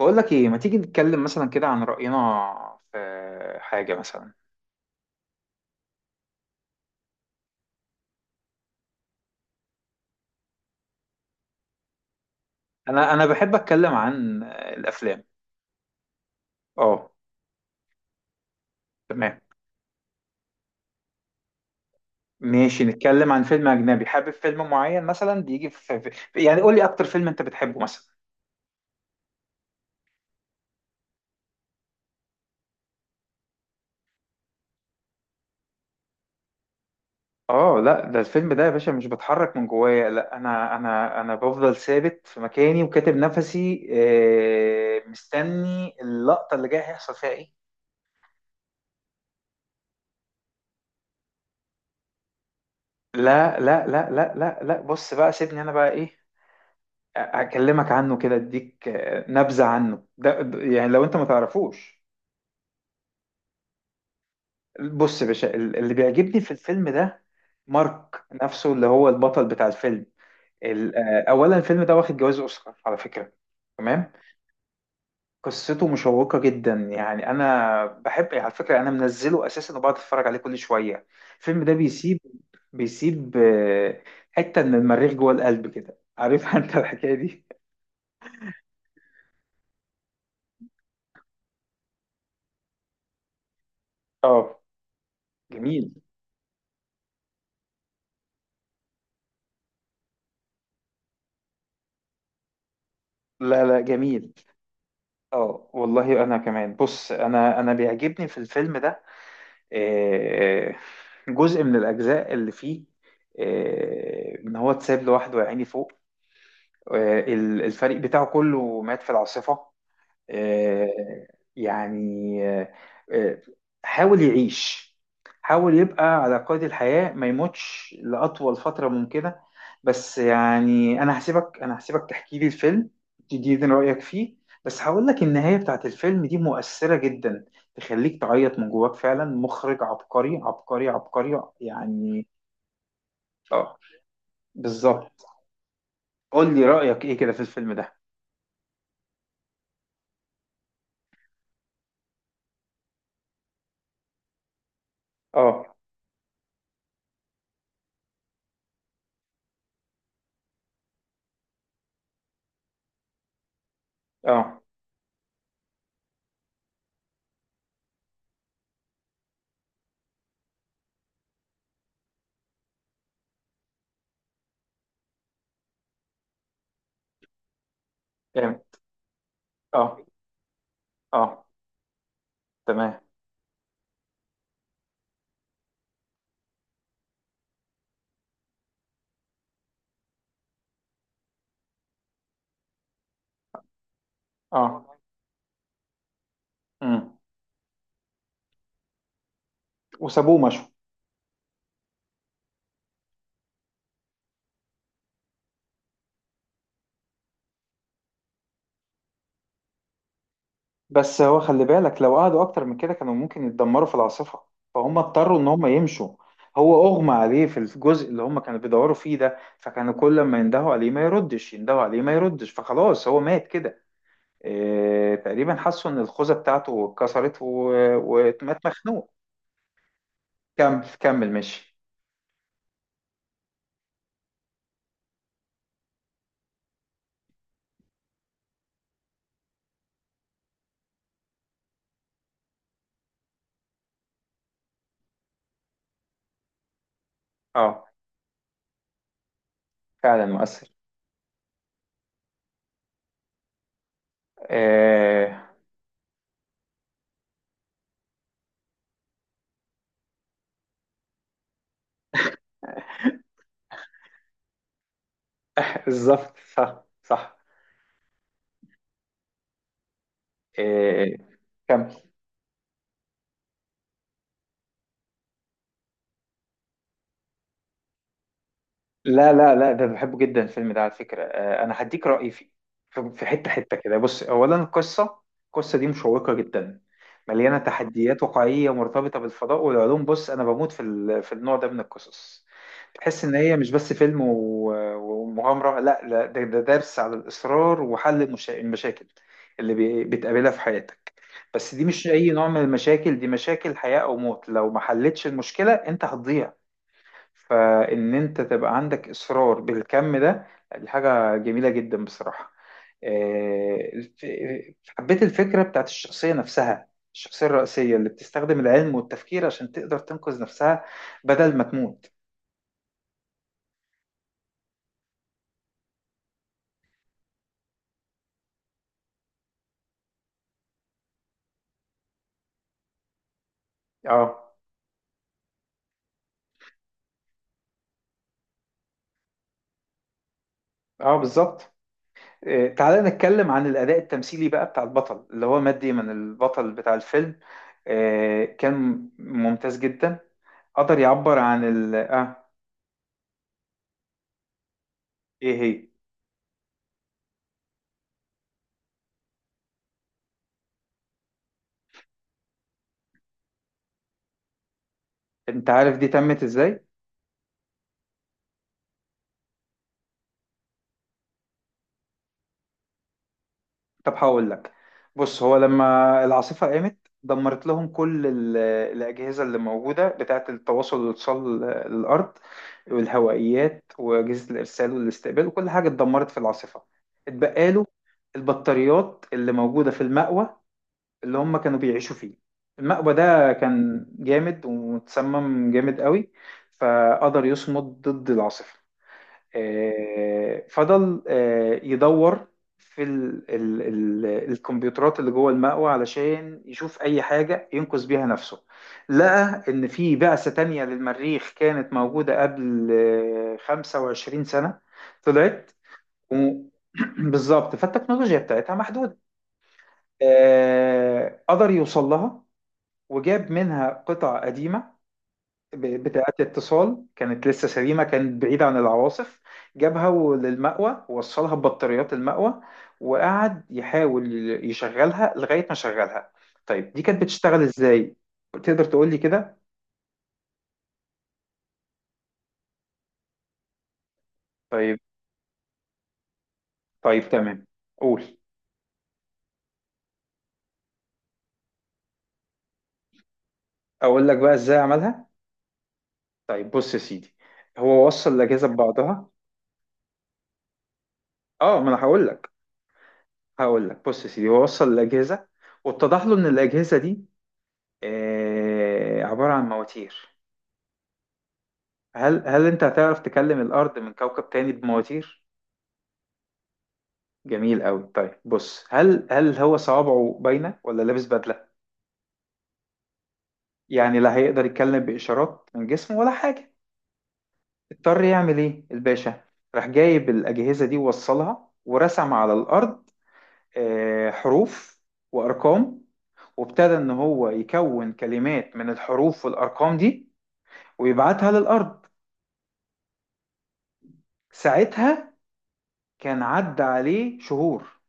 بقول لك ايه، ما تيجي نتكلم مثلا كده عن رأينا في حاجة مثلا. انا بحب اتكلم عن الافلام. اه، تمام. ماشي نتكلم عن فيلم اجنبي. حابب فيلم معين مثلا بيجي يعني قول لي اكتر فيلم انت بتحبه مثلا. اه لا، ده الفيلم ده يا باشا مش بتحرك من جوايا، لا انا بفضل ثابت في مكاني وكاتب نفسي مستني اللقطة اللي جايه هيحصل فيها ايه. لا لا لا لا لا لا، بص بقى سيبني انا بقى ايه. هكلمك عنه كده اديك نبذة عنه، يعني لو انت ما تعرفوش. بص يا باشا، اللي بيعجبني في الفيلم ده مارك نفسه اللي هو البطل بتاع الفيلم. اولا الفيلم ده واخد جوائز اوسكار على فكرة. تمام. قصته مشوقة جدا، يعني انا بحب على فكرة، انا منزله اساسا وبقعد اتفرج عليه كل شوية. الفيلم ده بيسيب، بيسيب حتة من المريخ جوه القلب كده، عارف انت الحكاية دي. اه، جميل. لا لا جميل. اه والله انا كمان، بص انا بيعجبني في الفيلم ده آه، جزء من الاجزاء اللي فيه، ان هو اتساب لوحده يا عيني فوق. الفريق بتاعه كله مات في العاصفة. آه، يعني آه، آه، حاول يعيش، حاول يبقى على قيد الحياة ما يموتش لأطول فترة ممكنة. بس يعني أنا هسيبك تحكي لي الفيلم، تديني رأيك فيه. بس هقول لك النهاية بتاعت الفيلم دي مؤثرة جدا، تخليك تعيط من جواك. فعلا مخرج عبقري عبقري عبقري يعني. اه بالظبط. قول لي رأيك ايه كده في الفيلم ده. اه، اه، اه، اه، آه، تمام. اه. مم. وسابوه مشوا. بس هو خلي بالك، لو قعدوا اكتر من كده كانوا ممكن يتدمروا في العاصفة، فهم اضطروا ان هم يمشوا. هو اغمى عليه في الجزء اللي هم كانوا بيدوروا فيه ده، فكانوا كل ما يندهوا عليه ما يردش، يندهوا عليه ما يردش، فخلاص هو مات كده. إيه تقريبا حسوا ان الخوذة بتاعته اتكسرت ومات مخنوق. كمل كمل ماشي. اه فعلا مؤثر. إيه. بالظبط، صح صح. إيه كمل. لا لا لا، ده بحبه جدا الفيلم ده على فكرة. أنا هديك رأيي فيه في حتة كده. بص أولا القصة، القصة دي مشوقة جدا، مليانة تحديات واقعية مرتبطة بالفضاء والعلوم. بص أنا بموت في في النوع ده من القصص. تحس إن هي مش بس فيلم ومغامرة، لا لا، ده درس على الإصرار وحل المشاكل اللي بتقابلها في حياتك. بس دي مش أي نوع من المشاكل، دي مشاكل حياة أو موت، لو ما حلتش المشكلة أنت هتضيع. فإن أنت تبقى عندك إصرار بالكم ده، دي حاجة جميلة جدا بصراحة. آه، الف- حبيت الفكرة بتاعت الشخصية نفسها، الشخصية الرئيسية اللي بتستخدم العلم والتفكير عشان تقدر تنقذ نفسها بدل ما تموت. اه اه بالظبط. تعالى نتكلم عن الأداء التمثيلي بقى بتاع البطل اللي هو مات ديمون، البطل بتاع الفيلم. كان ممتاز جدا، قدر يعبر عن ال، اه، ايه هي. انت عارف دي تمت ازاي؟ طب هقول لك. بص هو لما العاصفة قامت، دمرت لهم كل الأجهزة اللي موجودة بتاعة التواصل والاتصال للأرض، والهوائيات وأجهزة الإرسال والاستقبال، وكل حاجة اتدمرت في العاصفة. اتبقى له البطاريات اللي موجودة في المأوى اللي هم كانوا بيعيشوا فيه. المأوى ده كان جامد ومتسمم جامد قوي، فقدر يصمد ضد العاصفة. فضل يدور في ال الكمبيوترات اللي جوه المأوى علشان يشوف أي حاجة ينقذ بيها نفسه. لقى إن في بعثة تانية للمريخ كانت موجودة قبل 25 سنة، طلعت و- بالظبط، فالتكنولوجيا بتاعتها محدودة. قدر يوصل لها، وجاب منها قطع قديمة بتاعة اتصال، كانت لسه سليمة، كانت بعيدة عن العواصف. جابها للمأوى، ووصلها ببطاريات المأوى، وقعد يحاول يشغلها لغاية ما شغلها. طيب دي كانت بتشتغل ازاي؟ تقدر تقول لي كده؟ طيب. طيب تمام. قول. اقول لك بقى ازاي عملها؟ طيب بص يا سيدي، هو وصل الأجهزة ببعضها. اه، ما انا هقول لك. هقول لك بص يا سيدي، هو وصل الأجهزة، واتضح له ان الأجهزة دي عبارة عن مواتير. هل انت هتعرف تكلم الارض من كوكب تاني بمواتير؟ جميل قوي. طيب بص، هل هو صوابعه باينه ولا لابس بدله؟ يعني لا، هيقدر يتكلم باشارات من جسمه ولا حاجه؟ اضطر يعمل ايه الباشا، راح جايب الاجهزه دي ووصلها، ورسم على الارض حروف وارقام، وابتدى ان هو يكون كلمات من الحروف والارقام دي، ويبعتها للارض. ساعتها كان عدى عليه شهور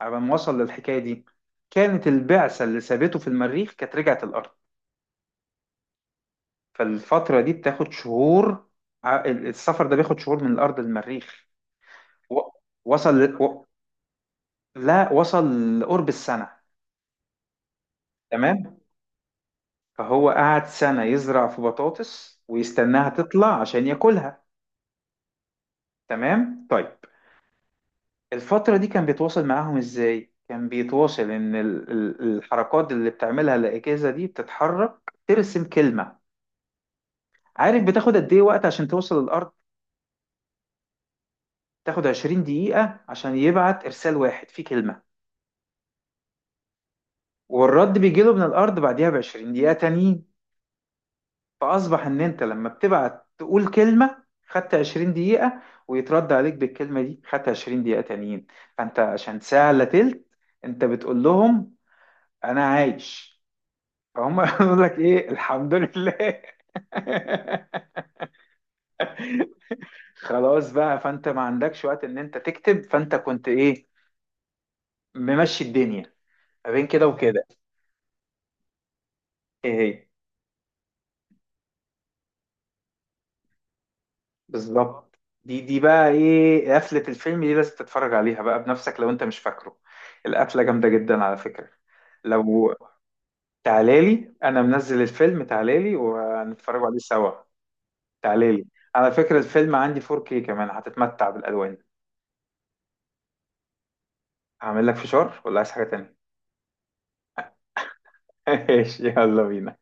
على ما وصل للحكاية دي. كانت البعثة اللي سابته في المريخ كانت رجعت الأرض. فالفترة دي بتاخد شهور، السفر ده بياخد شهور من الأرض للمريخ، و- وصل ل... و... لا وصل لقرب السنة. تمام. فهو قعد سنة يزرع في بطاطس ويستناها تطلع عشان ياكلها. تمام طيب. الفترة دي كان بيتواصل معاهم إزاي؟ كان بيتواصل إن الحركات اللي بتعملها الأجهزة دي بتتحرك ترسم كلمة. عارف بتاخد قد ايه وقت عشان توصل للارض؟ تاخد 20 دقيقة عشان يبعت إرسال واحد فيه كلمة، والرد بيجيله من الأرض بعديها ب 20 دقيقة تانيين. فأصبح إن أنت لما بتبعت تقول كلمة خدت 20 دقيقة، ويترد عليك بالكلمة دي خدت 20 دقيقة تانيين. فأنت عشان ساعة إلا تلت أنت بتقول لهم أنا عايش، فهم يقول لك إيه الحمد لله. خلاص بقى، فأنت ما عندكش وقت إن أنت تكتب، فأنت كنت إيه، ممشي الدنيا ما بين كده وكده. إيه هي. بالظبط، دي بقى ايه قفلة الفيلم دي، لازم تتفرج عليها بقى بنفسك لو انت مش فاكره. القفلة جامدة جدا على فكرة. لو تعالالي، انا منزل الفيلم، تعالالي وهنتفرجوا عليه سوا. تعالالي، على فكرة الفيلم عندي 4K كمان، هتتمتع بالالوان. هعمل لك فشار ولا عايز حاجة تانية؟ ماشي يلا بينا.